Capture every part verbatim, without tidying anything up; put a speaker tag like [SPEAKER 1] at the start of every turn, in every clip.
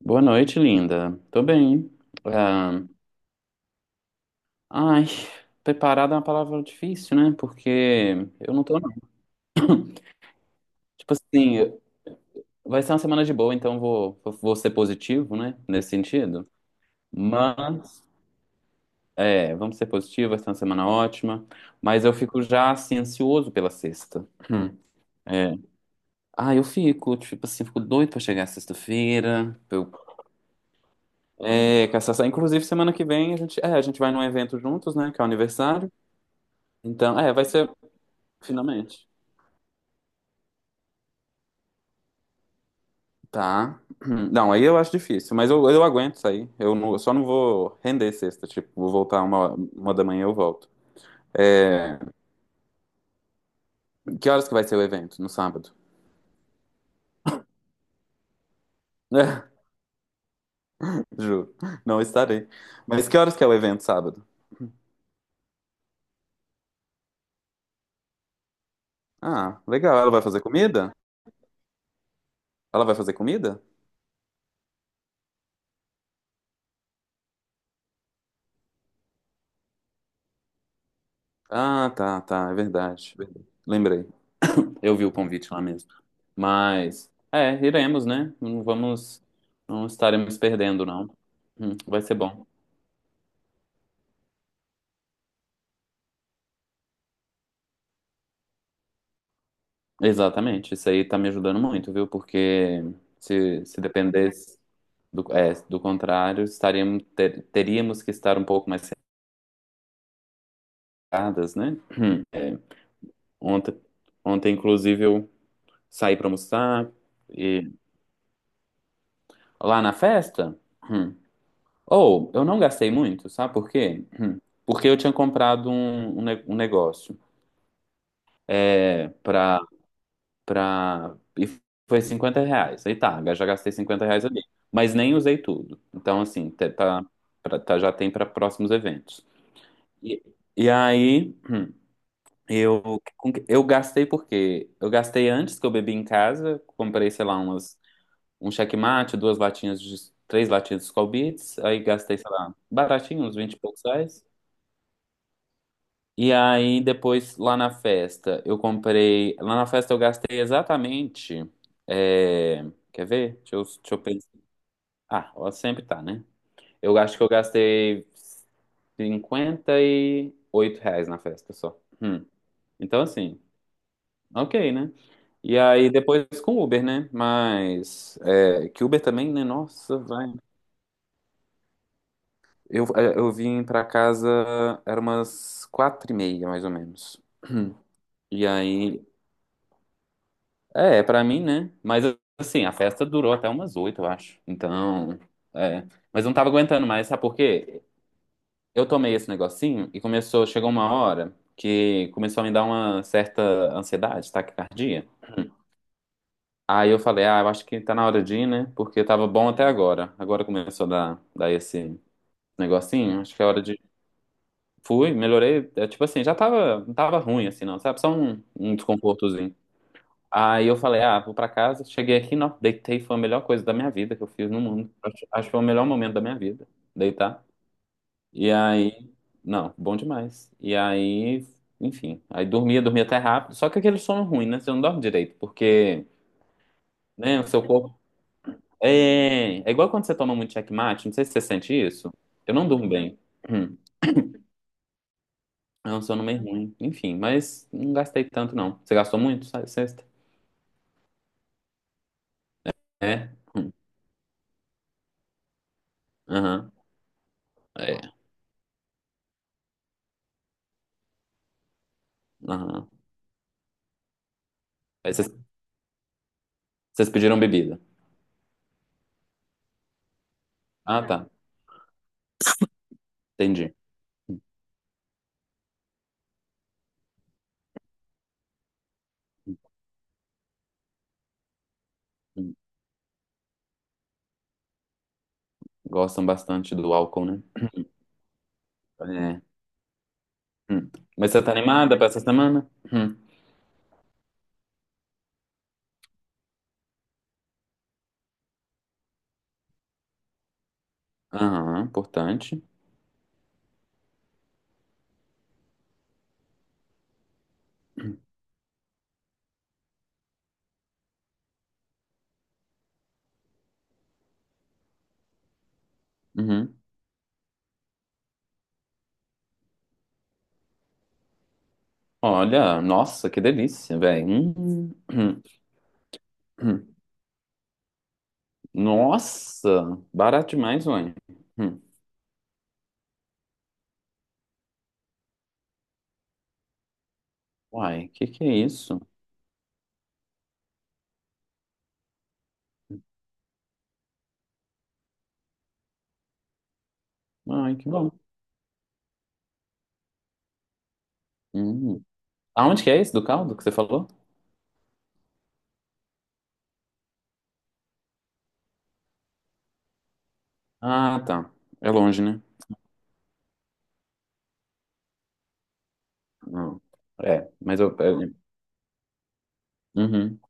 [SPEAKER 1] Boa noite, linda. Tô bem. Ah, ai, preparada é uma palavra difícil, né? Porque eu não tô, não. Tipo assim, vai ser uma semana de boa, então vou, vou ser positivo, né? Nesse sentido. Mas, é, vamos ser positivo, vai ser uma semana ótima. Mas eu fico já, assim, ansioso pela sexta. Hum, é. Ah, eu fico, tipo assim, fico doido pra chegar sexta-feira. Pra Eu, é, com essa- Inclusive, semana que vem a gente, é, a gente vai num evento juntos, né? Que é o aniversário. Então, é, vai ser. Finalmente. Tá. Não, aí eu acho difícil, mas eu, eu aguento sair. Eu, não- eu só não vou render sexta, tipo, vou voltar uma, uma da manhã eu volto. É, que horas que vai ser o evento? No sábado? É, juro, não estarei. Mas que horas que é o evento sábado? Ah, legal. Ela vai fazer comida? Ela vai fazer comida? Ah, tá, tá, é verdade. É verdade. Lembrei. Eu vi o convite lá mesmo. Mas, é, iremos, né? Não vamos, não estaremos perdendo, não. Hum, vai ser bom. Exatamente, isso aí tá me ajudando muito, viu? Porque se, se dependesse do, é, do contrário, estaríamos, ter- teríamos que estar um pouco mais cercadas, né? Ontem, Ontem, inclusive, eu saí para almoçar e lá na festa, hum, ou eu não gastei muito, sabe por quê? Hum, Porque eu tinha comprado um, um, ne- um negócio é, para pra... E foi cinquenta reais. Aí tá, já gastei cinquenta reais ali. Mas nem usei tudo. Então, assim, te- tá, pra- tá- já tem para próximos eventos. E, e aí, eu, com que- eu gastei porque eu gastei antes que eu bebi em casa. Comprei, sei lá, umas, um checkmate, duas latinhas de... Três latinhas de Skol Beats. Aí gastei, sei lá, baratinho, uns vinte e poucos reais. E aí, depois, lá na festa, eu comprei. Lá na festa, eu gastei exatamente. É, quer ver? Deixa eu, deixa eu pensar. Ah, ó, sempre tá, né? Eu acho que eu gastei cinquenta e oito reais na festa só. Hum. Então, assim, ok, né? E aí, depois com Uber, né? Mas. É... Que Uber também, né? Nossa, vai. Eu, é, eu vim pra casa, era umas quatro e meia, mais ou menos. E aí, é, pra mim, né? Mas assim, a festa durou até umas oito, eu acho. Então, é. Mas eu não tava aguentando mais, sabe por quê? Eu tomei esse negocinho e começou, chegou uma hora que começou a me dar uma certa ansiedade, taquicardia. Aí eu falei, ah, eu acho que tá na hora de ir, né? Porque tava bom até agora. Agora começou a dar, dar esse negocinho, acho que é hora de. Fui, melhorei. É, tipo assim, já tava, não tava ruim assim, não, sabe? Só um, um desconfortozinho. Aí eu falei, ah, vou pra casa. Cheguei aqui, não, deitei, foi a melhor coisa da minha vida que eu fiz no mundo. Acho, acho que foi o melhor momento da minha vida, deitar. E aí, não, bom demais. E aí, enfim, aí dormia, dormia até rápido. Só que aquele sono ruim, né? Você não dorme direito, porque, né, o seu corpo. É, é igual quando você toma muito checkmate, não sei se você sente isso. Eu não durmo bem. Hum, É um sono meio ruim. Enfim, mas não gastei tanto, não. Você gastou muito, sabe, sexta? É? Hum, Aham, é, aham. Aí você Vocês pediram bebida. Ah, tá. Entendi. Gostam bastante do álcool, né? É. Hum. Mas você tá animada para essa semana? Hum. Aham, importante. Uhum. Olha, nossa, que delícia, velho. Hum, hum, hum. Nossa, barato demais, ué. Hum. Uai, que que é isso? Ai, que bom. Hum. Aonde que é esse do caldo que você falou? Ah, tá. É longe, né? Hum. É, mas eu. é- Uhum.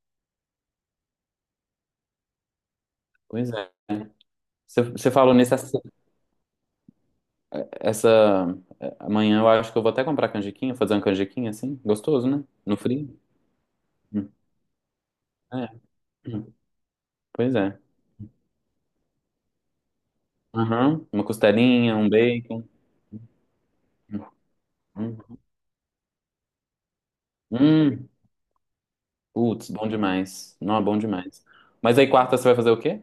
[SPEAKER 1] Pois é. Você você falou nesse Essa. É, amanhã eu acho que eu vou até comprar canjiquinha, fazer uma canjiquinha assim. Gostoso, né? No frio. Hum, É. Hum, Pois é. Aham, uma costelinha, um bacon. Hum, hum. Putz, bom demais. Não, bom demais. Mas aí quarta você vai fazer o quê?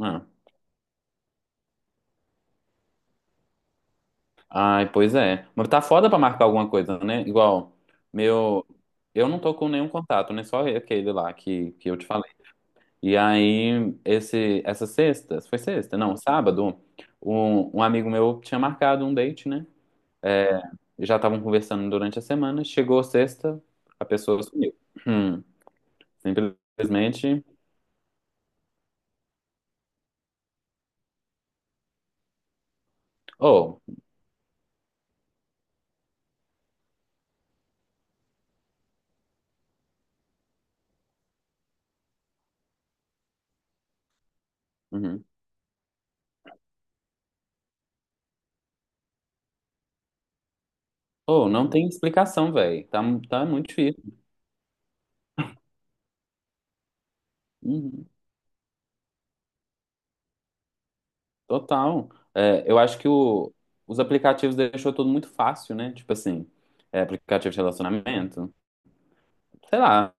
[SPEAKER 1] Ah. Ai, pois é. Mas tá foda pra marcar alguma coisa, né? Igual, meu. Eu não tô com nenhum contato, né? Só aquele lá que, que eu te falei. E aí, esse, essa sexta, foi sexta? Não, sábado, um, um amigo meu tinha marcado um date, né? É, já estavam conversando durante a semana. Chegou sexta, a pessoa sumiu. Hum, simplesmente. Oh, uhum. Oh, não tem explicação, velho. Tá, tá muito difícil. Uhum, total. É, eu acho que o, os aplicativos deixou tudo muito fácil, né? Tipo assim, é, aplicativo de relacionamento. Sei lá.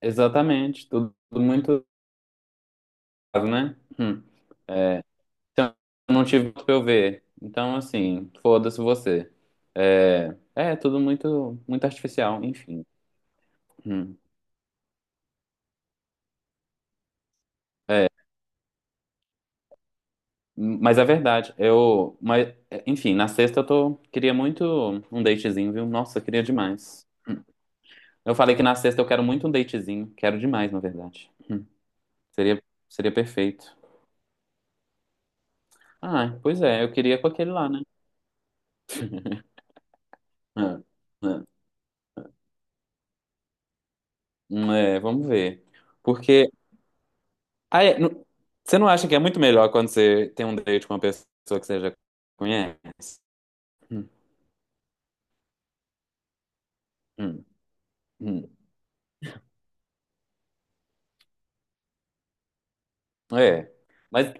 [SPEAKER 1] Exatamente. Tudo muito. Né? Hum. É, então, eu não tive pra eu ver. Então, assim, foda-se você. É, é tudo muito, muito artificial, enfim. Hum. É, mas é verdade. Eu, mas, é, enfim, na sexta eu tô, queria muito um datezinho, viu? Nossa, queria demais. Eu falei que na sexta eu quero muito um datezinho. Quero demais, na verdade. Hum. Seria, seria perfeito. Ah, pois é, eu queria com aquele lá, né? É, é. Hum, É, vamos ver. Porque Ah, é, não- Você não acha que é muito melhor quando você tem um date com uma pessoa que você já conhece? Hum, hum, hum. É. Mas,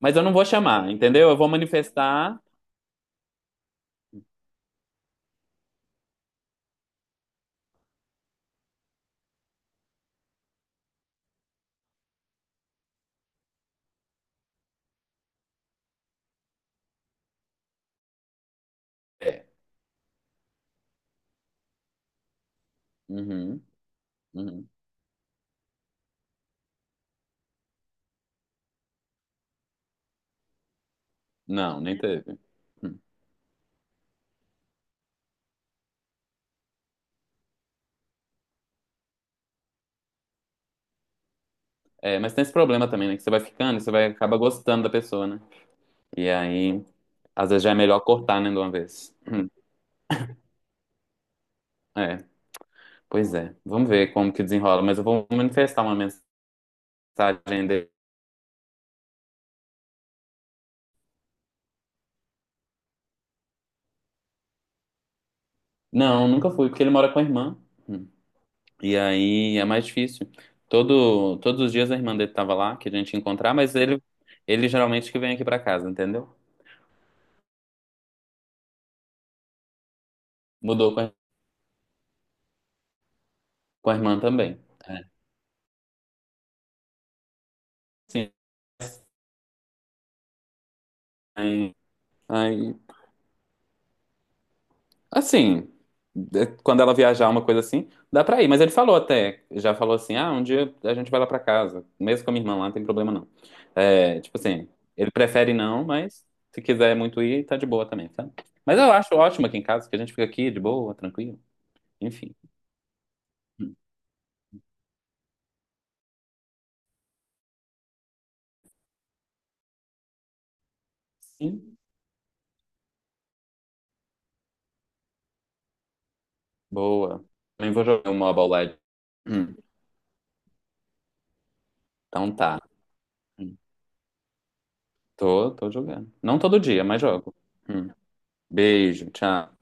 [SPEAKER 1] mas eu não vou chamar, entendeu? Eu vou manifestar. É. Uhum, uhum. Não, nem teve. Hum. É, mas tem esse problema também, né? Que você vai ficando e você vai acaba gostando da pessoa, né? E aí, às vezes já é melhor cortar, né, de uma vez. Hum. É. Pois é. Vamos ver como que desenrola. Mas eu vou manifestar uma mensagem dele. Não, nunca fui, porque ele mora com a irmã. Hum. E aí é mais difícil. Todo, todos os dias a irmã dele tava lá, que a gente ia encontrar, mas ele, ele geralmente que vem aqui pra casa, entendeu? Mudou com a, com a irmã também. É. Sim. Aí, aí, assim, é, quando ela viajar, uma coisa assim, dá pra ir. Mas ele falou até, já falou assim, ah, um dia a gente vai lá pra casa, mesmo com a minha irmã lá, não tem problema não. É, tipo assim, ele prefere não, mas se quiser muito ir, tá de boa também, sabe? Mas eu acho ótimo aqui em casa, que a gente fica aqui de boa, tranquilo, enfim. Sim. Boa. Também vou jogar o Mobile Legends. Hum, então tá. Hum, tô, tô jogando. Não todo dia, mas jogo. Hum, Beijo, tchau.